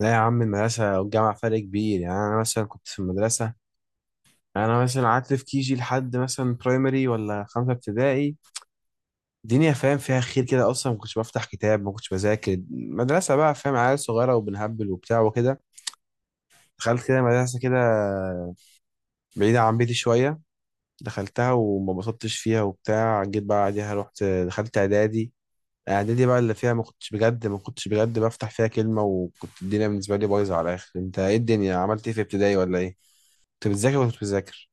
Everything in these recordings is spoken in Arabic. لا يا عم، المدرسة والجامعة فرق كبير. يعني أنا مثلا كنت في المدرسة، أنا مثلا قعدت في كيجي لحد مثلا برايمري ولا خمسة ابتدائي. الدنيا فاهم فيها خير كده، أصلا ما كنتش بفتح كتاب ما كنتش بذاكر. مدرسة بقى فاهم، عيال صغيرة وبنهبل وبتاع وكده. دخلت كده مدرسة كده بعيدة عن بيتي شوية، دخلتها وما بسطتش فيها وبتاع. جيت بقى بعديها رحت دخلت إعدادي. إعدادي بقى اللي فيها ما كنتش بجد بفتح فيها كلمة، وكنت الدنيا بالنسبة لي بايظة على الآخر. أنت إيه الدنيا، عملت إيه في ابتدائي ولا إيه؟ كنت بتذاكر ولا كنت بتذاكر؟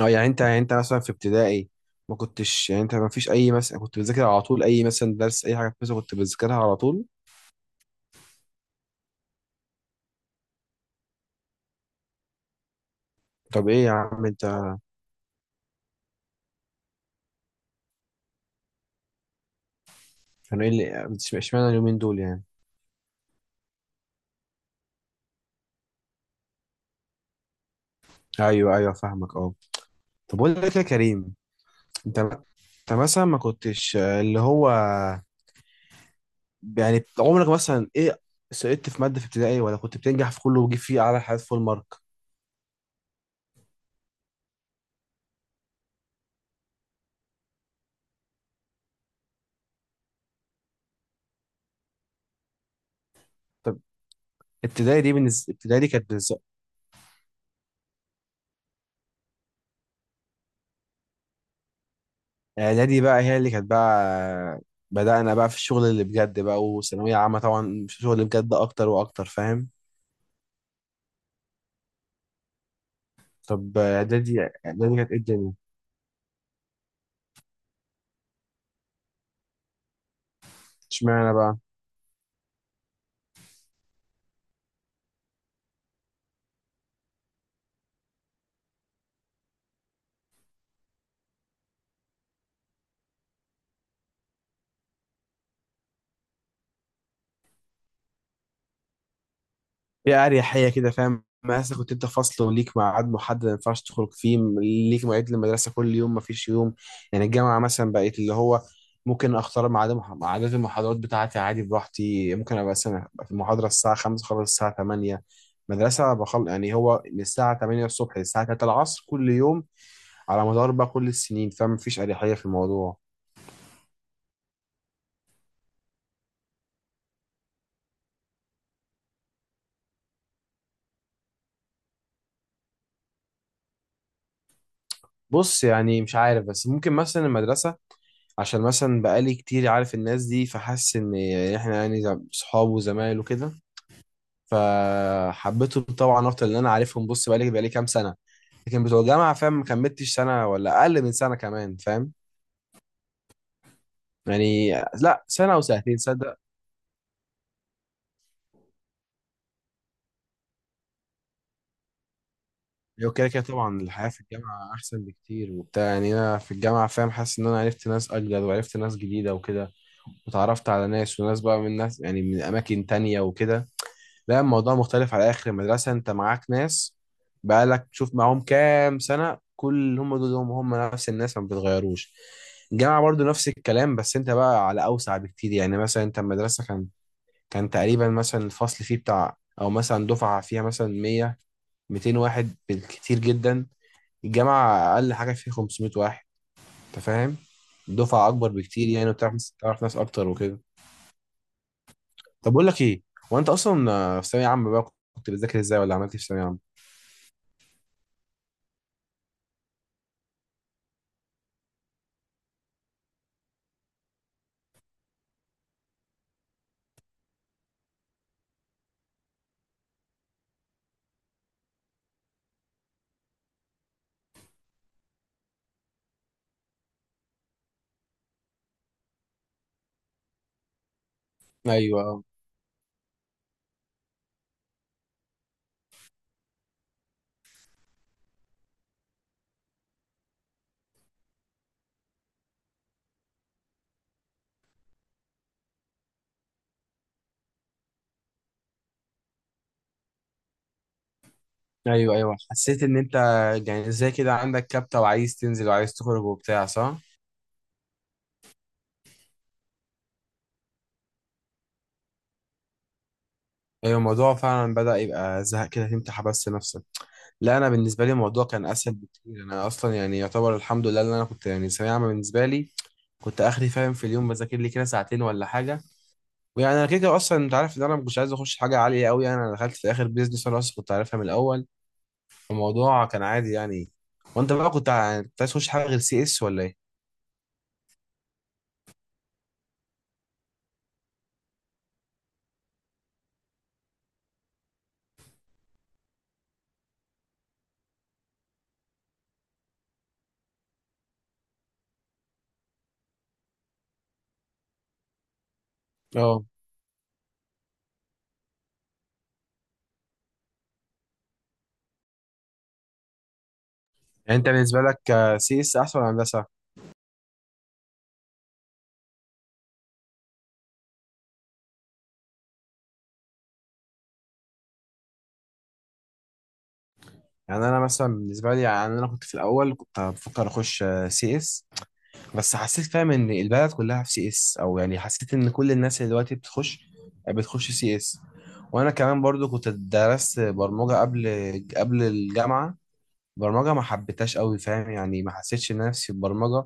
اه، يعني انت، يعني انت مثلا في ابتدائي ما كنتش، يعني انت ما فيش اي، مثلا كنت بتذاكر على طول اي مثلا درس اي حاجه مثلا كنت بتذاكرها على طول؟ طب ايه يا عم انت، كانوا ايه اللي اشمعنى اليومين دول يعني؟ ايوه ايوه فاهمك اه. طب اقول لك إيه يا كريم، انت مثلا ما كنتش اللي هو، يعني عمرك مثلا ايه سقطت في ماده في ابتدائي، ولا كنت بتنجح في كله وتجيب فيه اعلى حاجات فول مارك؟ طب ابتدائي دي بالنسبه، ابتدائي دي كانت. اعدادي بقى هي اللي كانت بقى بدأنا بقى في الشغل اللي بجد بقى، وثانوية عامة طبعا في الشغل اللي بجد اكتر واكتر فاهم. طب اعدادي، اعدادي كانت ايه الدنيا، اشمعنى بقى؟ هي أريحية كده فاهم. مثلا كنت انت فصل وليك ميعاد محدد ما ينفعش تخرج فيه، ليك مواعيد للمدرسة كل يوم ما فيش يوم. يعني الجامعة مثلا بقيت اللي هو ممكن اختار ميعاد ميعادات المحاضرات بتاعتي عادي براحتي. ممكن ابقى مثلا أبقى في المحاضرة الساعة 5 خلص الساعة 8. مدرسة بخل، يعني هو من الساعة 8 الصبح للساعة 3 العصر كل يوم، على مدار بقى كل السنين، فما فيش أريحية في الموضوع. بص، يعني مش عارف، بس ممكن مثلا المدرسة عشان مثلا بقالي كتير عارف الناس دي، فحاسس ان احنا يعني صحاب وزمايل وكده، فحبيتهم طبعا اكتر لان انا عارفهم. بص، بقالي كام سنه. لكن بتوع الجامعه فاهم ما كملتش سنه، ولا اقل من سنه كمان فاهم يعني، لا سنه او سنتين صدق. لو كده كده طبعا الحياه في الجامعه احسن بكتير وبتاع. يعني انا في الجامعه فاهم حاسس ان انا عرفت ناس اجدد وعرفت ناس جديده وكده، وتعرفت على ناس، وناس بقى من ناس يعني من اماكن تانية وكده. لا، الموضوع مختلف على اخر. المدرسه انت معاك ناس بقالك تشوف معاهم كام سنه، كل هم دول هم نفس الناس ما بتتغيروش. الجامعه برضو نفس الكلام، بس انت بقى على اوسع بكتير. يعني مثلا انت المدرسه كان، كان تقريبا مثلا الفصل فيه بتاع، او مثلا دفعه فيها مثلا 100 200 واحد بالكتير جدا. الجامعه اقل حاجه فيه 500 واحد، انت فاهم؟ دفعه اكبر بكتير يعني، وبتعرف تعرف ناس اكتر وكده. طب بقول لك ايه، هو انت اصلا في ثانويه عامه بقى كنت بتذاكر ازاي، ولا عملت إيه في ثانويه عامه؟ ايوه آه. ايوه ايوه حسيت ان انت يعني زي كده عندك كبتة وعايز تنزل وعايز تخرج وبتاع، صح؟ ايوه، الموضوع فعلا بدأ يبقى زهق كده، تمتح بس نفسك. لا، انا بالنسبة لي الموضوع كان اسهل بكتير. انا اصلا يعني يعتبر الحمد لله ان انا كنت، يعني ثانوية عامة بالنسبة لي كنت اخري فاهم، في اليوم بذاكر لي كده ساعتين ولا حاجة، ويعني انا كده كده اصلا انت عارف ان انا ما كنتش عايز اخش حاجة عالية قوي. يعني انا دخلت في اخر بيزنس، انا اصلا كنت عارفها من الاول، الموضوع كان عادي يعني. وانت بقى كنت كنت عايز تخش حاجة غير سي اس، ولا ايه؟ اه، يعني انت بالنسبه لك سي اس احسن ولا هندسه؟ يعني انا مثلا بالنسبه لي، يعني انا كنت في الاول كنت بفكر اخش سي اس، بس حسيت فاهم ان البلد كلها في سي اس. او يعني حسيت ان كل الناس اللي دلوقتي بتخش سي اس. وانا كمان برضو كنت درست برمجه قبل، الجامعه. برمجه ما حبيتهاش قوي فاهم، يعني ما حسيتش نفسي في البرمجه،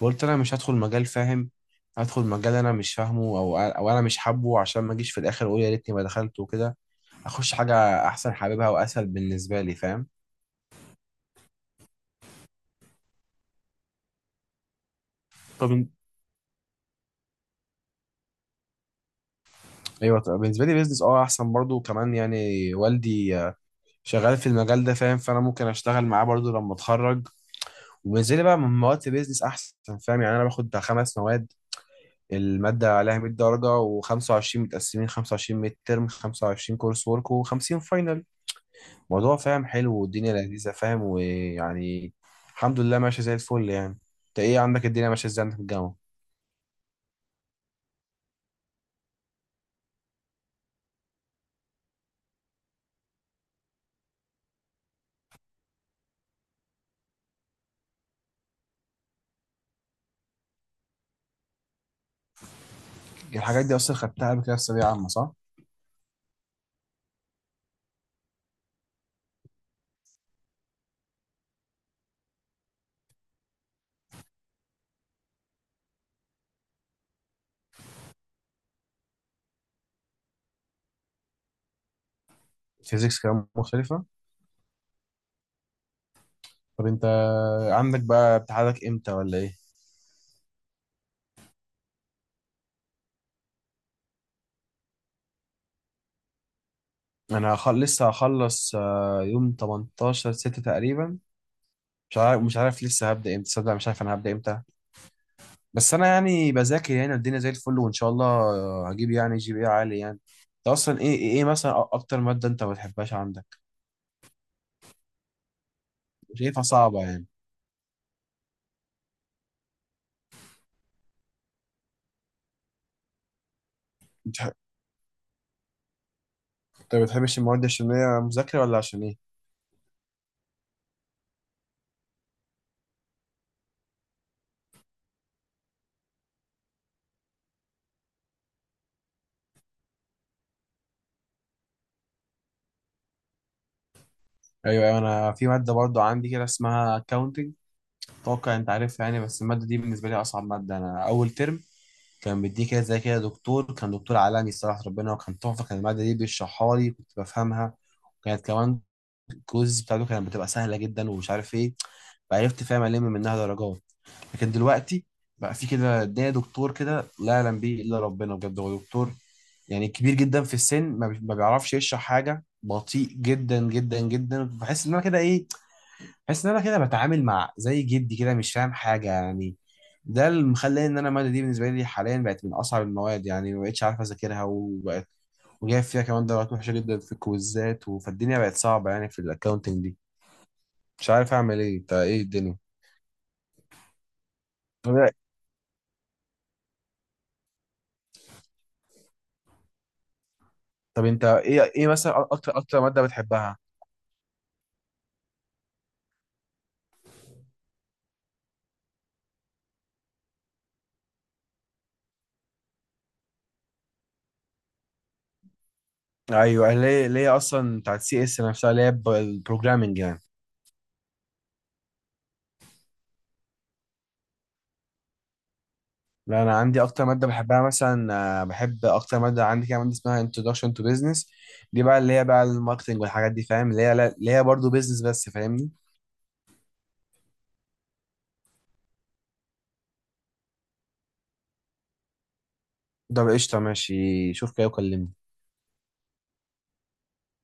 وقلت انا مش هدخل مجال فاهم، هدخل مجال انا مش فاهمه، او انا مش حابه، عشان ما اجيش في الاخر اقول يا ريتني ما دخلت وكده. اخش حاجه احسن حاببها واسهل بالنسبه لي فاهم. طب انت. ايوه طبعا. بالنسبه لي بيزنس اه احسن برضو كمان. يعني والدي شغال في المجال ده فاهم، فانا ممكن اشتغل معاه برضو لما اتخرج. وبالنسبه لي بقى من مواد، بيزنس احسن فاهم. يعني انا باخد بتاع 5 مواد، الماده عليها 100 درجه، و25 متقسمين: 25 ميد ترم، 25 كورس ورك، و50 فاينل. الموضوع فاهم حلو، والدنيا لذيذه فاهم، ويعني الحمد لله ماشيه زي الفل يعني. انت ايه عندك، الدنيا ماشيه ازاي عندك في الجامعه؟ الحاجات دي اصلا خدتها قبل كده في ثانويه عامه، صح؟ فيزيكس كمان مختلفة. طب انت عندك بقى امتحانك امتى ولا ايه؟ انا لسه هخلص يوم 18 6 تقريبا. مش عارف، لسه هبدأ امتى صدق، مش عارف انا هبدأ امتى. بس انا يعني بذاكر، يعني الدنيا زي الفل، وان شاء الله هجيب يعني جي بي اي عالي يعني. انت اصلا ايه مثلا اكتر مادة انت ما بتحبهاش عندك، شايفها صعبة يعني؟ بتح- انت ما بتحبش المواد عشان هي مذاكرة، ولا عشان ايه؟ ايوه ايوه، انا في مادة برضو عندي كده اسمها accounting. اتوقع انت عارف يعني. بس الماده دي بالنسبه لي اصعب ماده. انا اول ترم كان بيديه كده زي كده دكتور، كان دكتور عالمي صراحه ربنا، وكان تحفه، كان الماده دي بيشرحها لي كنت بفهمها، وكانت كمان الكويز بتاعته كانت بتبقى سهله جدا ومش عارف ايه، فعرفت فاهم الم منها درجات. لكن دلوقتي بقى في كده ده دكتور كده لا يعلم به الا ربنا بجد، هو دكتور يعني كبير جدا في السن، ما بيعرفش يشرح حاجه، بطيء جدا جدا جدا، بحس ان انا كده ايه، بحس ان انا كده بتعامل مع زي جدي كده مش فاهم حاجه يعني. ده اللي مخلي ان انا الماده دي بالنسبه لي حاليا بقت من اصعب المواد، يعني ما بقتش عارف اذاكرها، وبقت وجايب فيها كمان درجات وحشه جدا في الكويزات، فالدنيا بقت صعبه يعني في الاكونتنج دي مش عارف اعمل ايه. انت ايه الدنيا؟ طب، طب انت ايه، مثلا اكتر ماده بتحبها؟ ايوه، ليه اصلا بتاعت سي اس نفسها، اللي هي البروجرامنج يعني؟ لا، انا عندي اكتر ماده بحبها مثلا، بحب اكتر ماده عندي كده ماده اسمها introduction to business. دي بقى اللي هي بقى الماركتنج والحاجات دي فاهم، اللي هي برضه بيزنس بس فاهمني. ده قشطة، ماشي، شوف كده وكلمني.